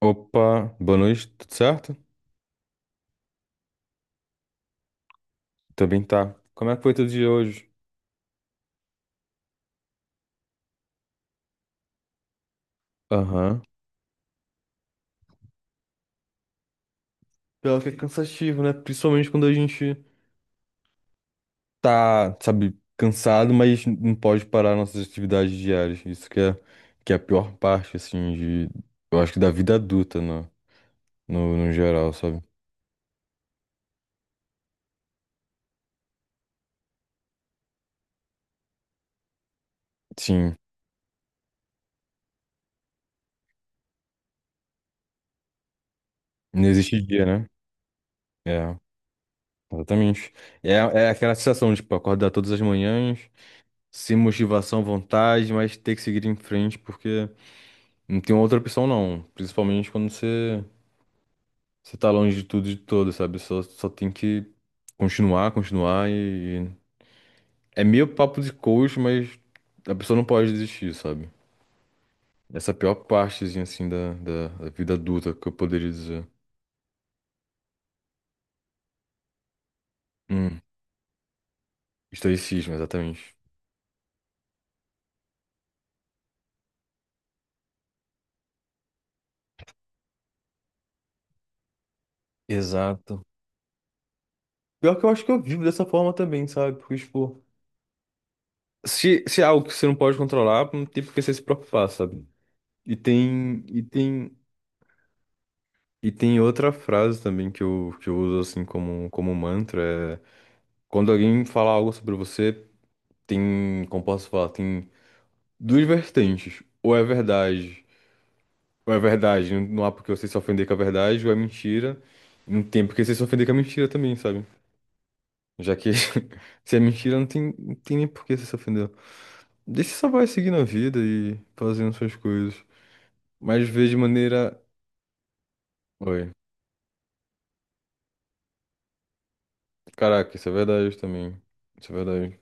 Opa, boa noite, tudo certo? Também tá. Como é que foi teu dia hoje? Aham. Pior que é cansativo, né? Principalmente quando a gente. Tá, sabe, cansado, mas não pode parar nossas atividades diárias. Isso que é a pior parte, assim, de, eu acho que da vida adulta, no geral, sabe? Sim, não existe dia, né? É, exatamente. É aquela sensação, tipo, acordar todas as manhãs, sem motivação, vontade, mas ter que seguir em frente, porque não tem outra opção, não. Principalmente quando você tá longe de tudo e de todo, sabe? Só tem que continuar, continuar e. É meio papo de coach, mas a pessoa não pode desistir, sabe? Essa é a pior partezinha, assim, da vida adulta, que eu poderia dizer. Hum, estoicismo, exatamente. Exato. Pior que eu acho que eu vivo dessa forma também, sabe? Porque, tipo, se é algo que você não pode controlar, não tem por que você se preocupar, sabe? E tem. E tem outra frase também que eu uso assim como mantra, é quando alguém fala algo sobre você, tem, como posso falar, tem duas vertentes. Ou é verdade, não não há porque você se ofender com a verdade, ou é mentira, não tem porque você se ofender com a mentira também, sabe? Já que se é mentira, não tem nem por que você se ofender. Deixa só vai seguindo a vida e fazendo suas coisas. Mas vê de maneira. Oi. Caraca, isso é verdade também. Isso é verdade.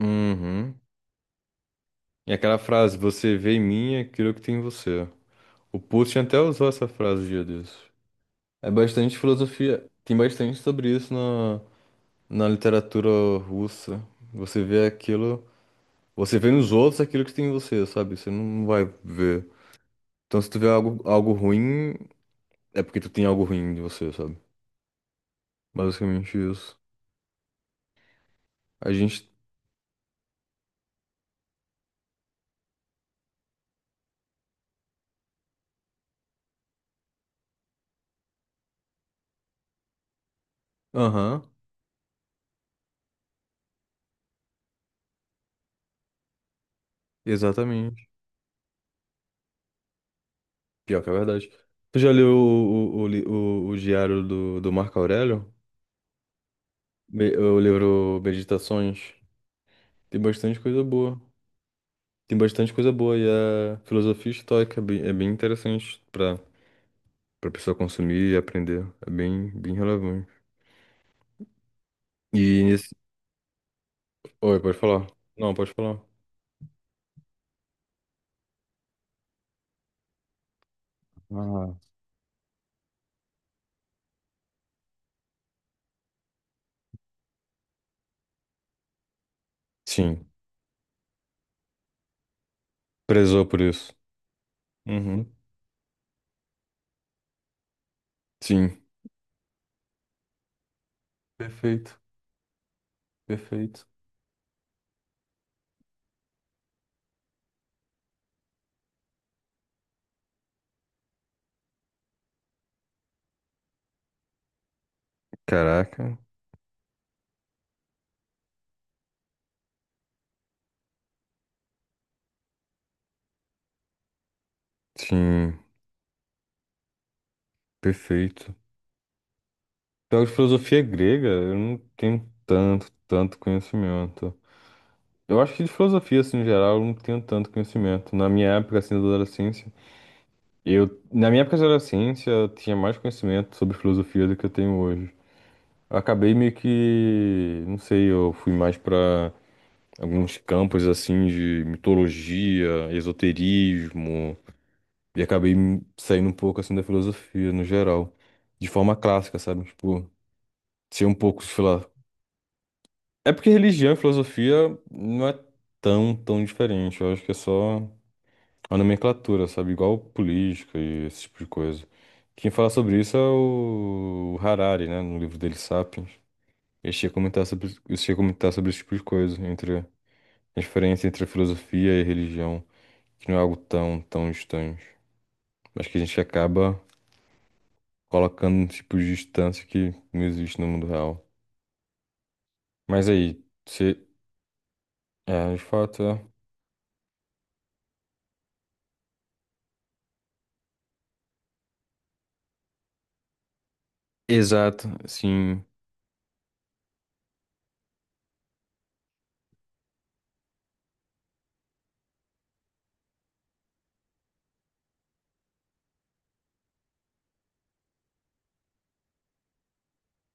Uhum. E aquela frase, você vê em mim aquilo que tem em você. O Putin até usou essa frase um dia desses. É bastante filosofia, tem bastante sobre isso na, na literatura russa. Você vê aquilo, você vê nos outros aquilo que tem em você, sabe? Você não vai ver. Então se tu vê algo ruim, é porque tu tem algo ruim de você, sabe? Basicamente isso. A gente... Aham, exatamente. Pior que é verdade. Tu já leu o diário do Marco Aurélio? O livro Meditações tem bastante coisa boa. Tem bastante coisa boa e a filosofia estoica é bem interessante para pessoa consumir e aprender. É bem, bem relevante. E nesse... Oi, pode falar. Não, pode falar. Ah. Sim, prezou por isso. Uhum. Sim. Perfeito, perfeito. Caraca. Sim, perfeito. Pior que filosofia é grega, eu não tenho tanto conhecimento. Eu acho que de filosofia, assim, em geral, eu não tenho tanto conhecimento. Na minha época, assim, da adolescência, na minha época de adolescência, eu tinha mais conhecimento sobre filosofia do que eu tenho hoje. Eu acabei meio que, não sei, eu fui mais pra alguns campos, assim, de mitologia, esoterismo, e acabei saindo um pouco, assim, da filosofia, no geral. De forma clássica, sabe? Tipo, ser um pouco, sei lá. É porque religião e filosofia não é tão, tão diferente. Eu acho que é só a nomenclatura, sabe? Igual política e esse tipo de coisa. Quem fala sobre isso é o Harari, né? No livro dele, Sapiens. Ele chega a comentar sobre, ele chega a comentar sobre esse tipo de coisa, entre a diferença entre a filosofia e a religião, que não é algo tão, tão distante, mas que a gente acaba colocando um tipo de distância que não existe no mundo real. Mas aí, você... É, de fato, é. Exato, sim.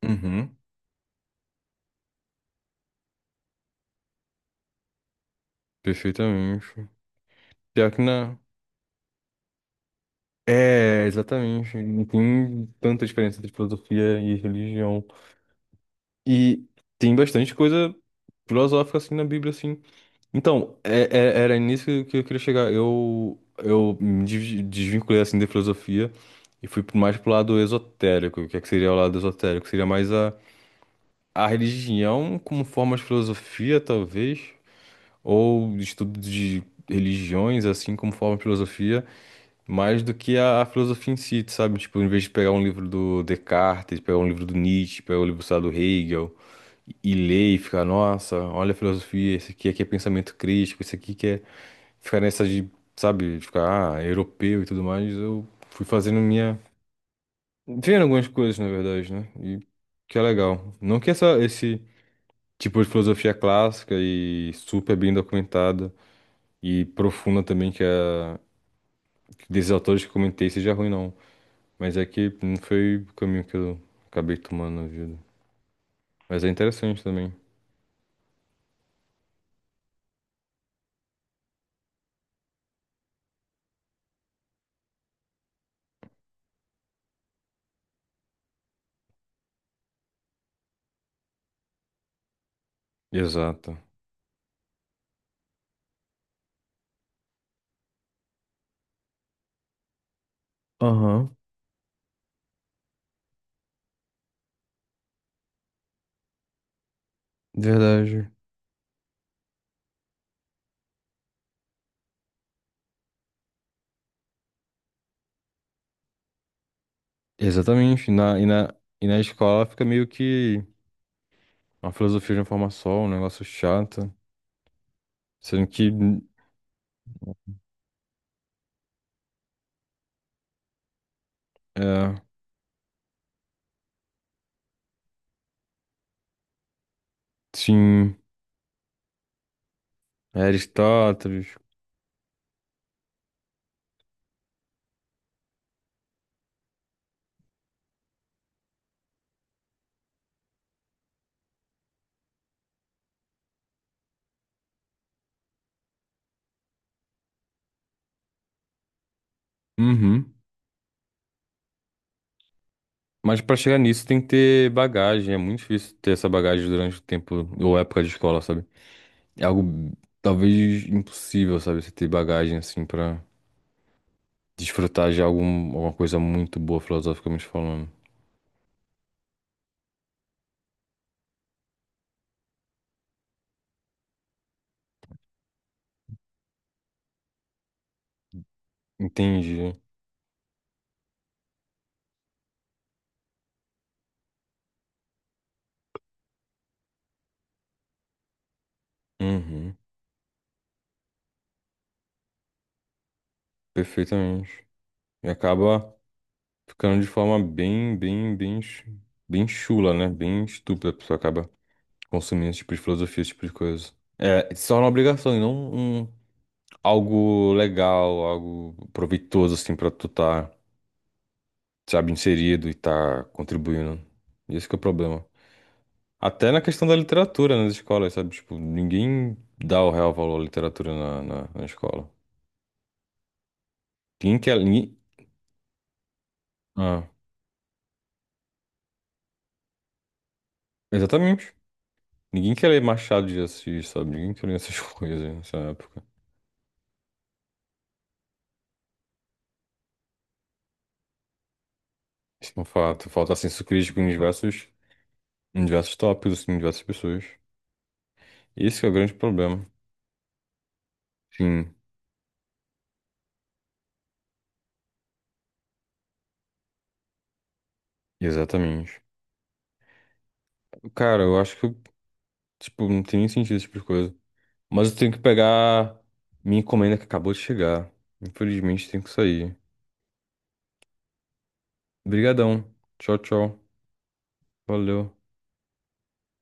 Uhum, perfeitamente. Pior que não. É, exatamente. Não tem tanta diferença entre filosofia e religião. E tem bastante coisa filosófica assim na Bíblia, assim. Então, era nisso que eu queria chegar. Eu desvinculei assim da filosofia e fui mais pro lado esotérico. O que é que seria o lado esotérico? Seria mais a religião como forma de filosofia, talvez, ou estudo de religiões assim como forma de filosofia mais do que a filosofia em si, sabe? Tipo, em vez de pegar um livro do Descartes, pegar um livro do Nietzsche, pegar um livro, sei lá, do Hegel e ler e ficar, nossa, olha a filosofia, esse aqui, aqui é pensamento crítico, esse aqui que é ficar nessa de, sabe, de ficar, ah, é europeu e tudo mais, eu fui fazendo minha. Vendo algumas coisas, na verdade, né? E que é legal. Não que essa, esse tipo de filosofia clássica e super bem documentada e profunda também, que é desses autores que eu comentei, seja ruim, não. Mas é que não foi o caminho que eu acabei tomando na vida. Mas é interessante também. Exato. Aham, verdade. Exatamente. E na escola fica meio que uma filosofia de uma forma só, um negócio chato. Sendo que, é, sim, é Aristóteles. Uhum. Mas pra chegar nisso tem que ter bagagem. É muito difícil ter essa bagagem durante o tempo ou época de escola, sabe? É algo talvez impossível, sabe? Você ter bagagem assim pra. Desfrutar de algum, alguma coisa muito boa, filosoficamente falando. Entendi. Uhum. Perfeitamente. E acaba ficando de forma bem chula, né? Bem estúpida. A pessoa acaba consumindo esse tipo de filosofia, esse tipo de coisa. É, se torna uma obrigação e não um, algo legal, algo proveitoso, assim, pra tu tá, sabe, inserido e tá contribuindo. Esse que é o problema. Até na questão da literatura nas escolas, sabe? Tipo, ninguém dá o real valor à literatura na escola. Ninguém quer. Ninguém... Ah, exatamente. Ninguém quer ler Machado de Assis, sabe? Ninguém quer ler essas coisas nessa época. Isso é um fato. Falta senso crítico em diversos tópicos, assim, em diversas pessoas. Esse que é o grande problema. Sim, exatamente. Cara, eu acho tipo, não tem nem sentido esse tipo de coisa. Mas eu tenho que pegar minha encomenda que acabou de chegar. Infelizmente, tenho que sair. Obrigadão. Tchau, tchau. Valeu.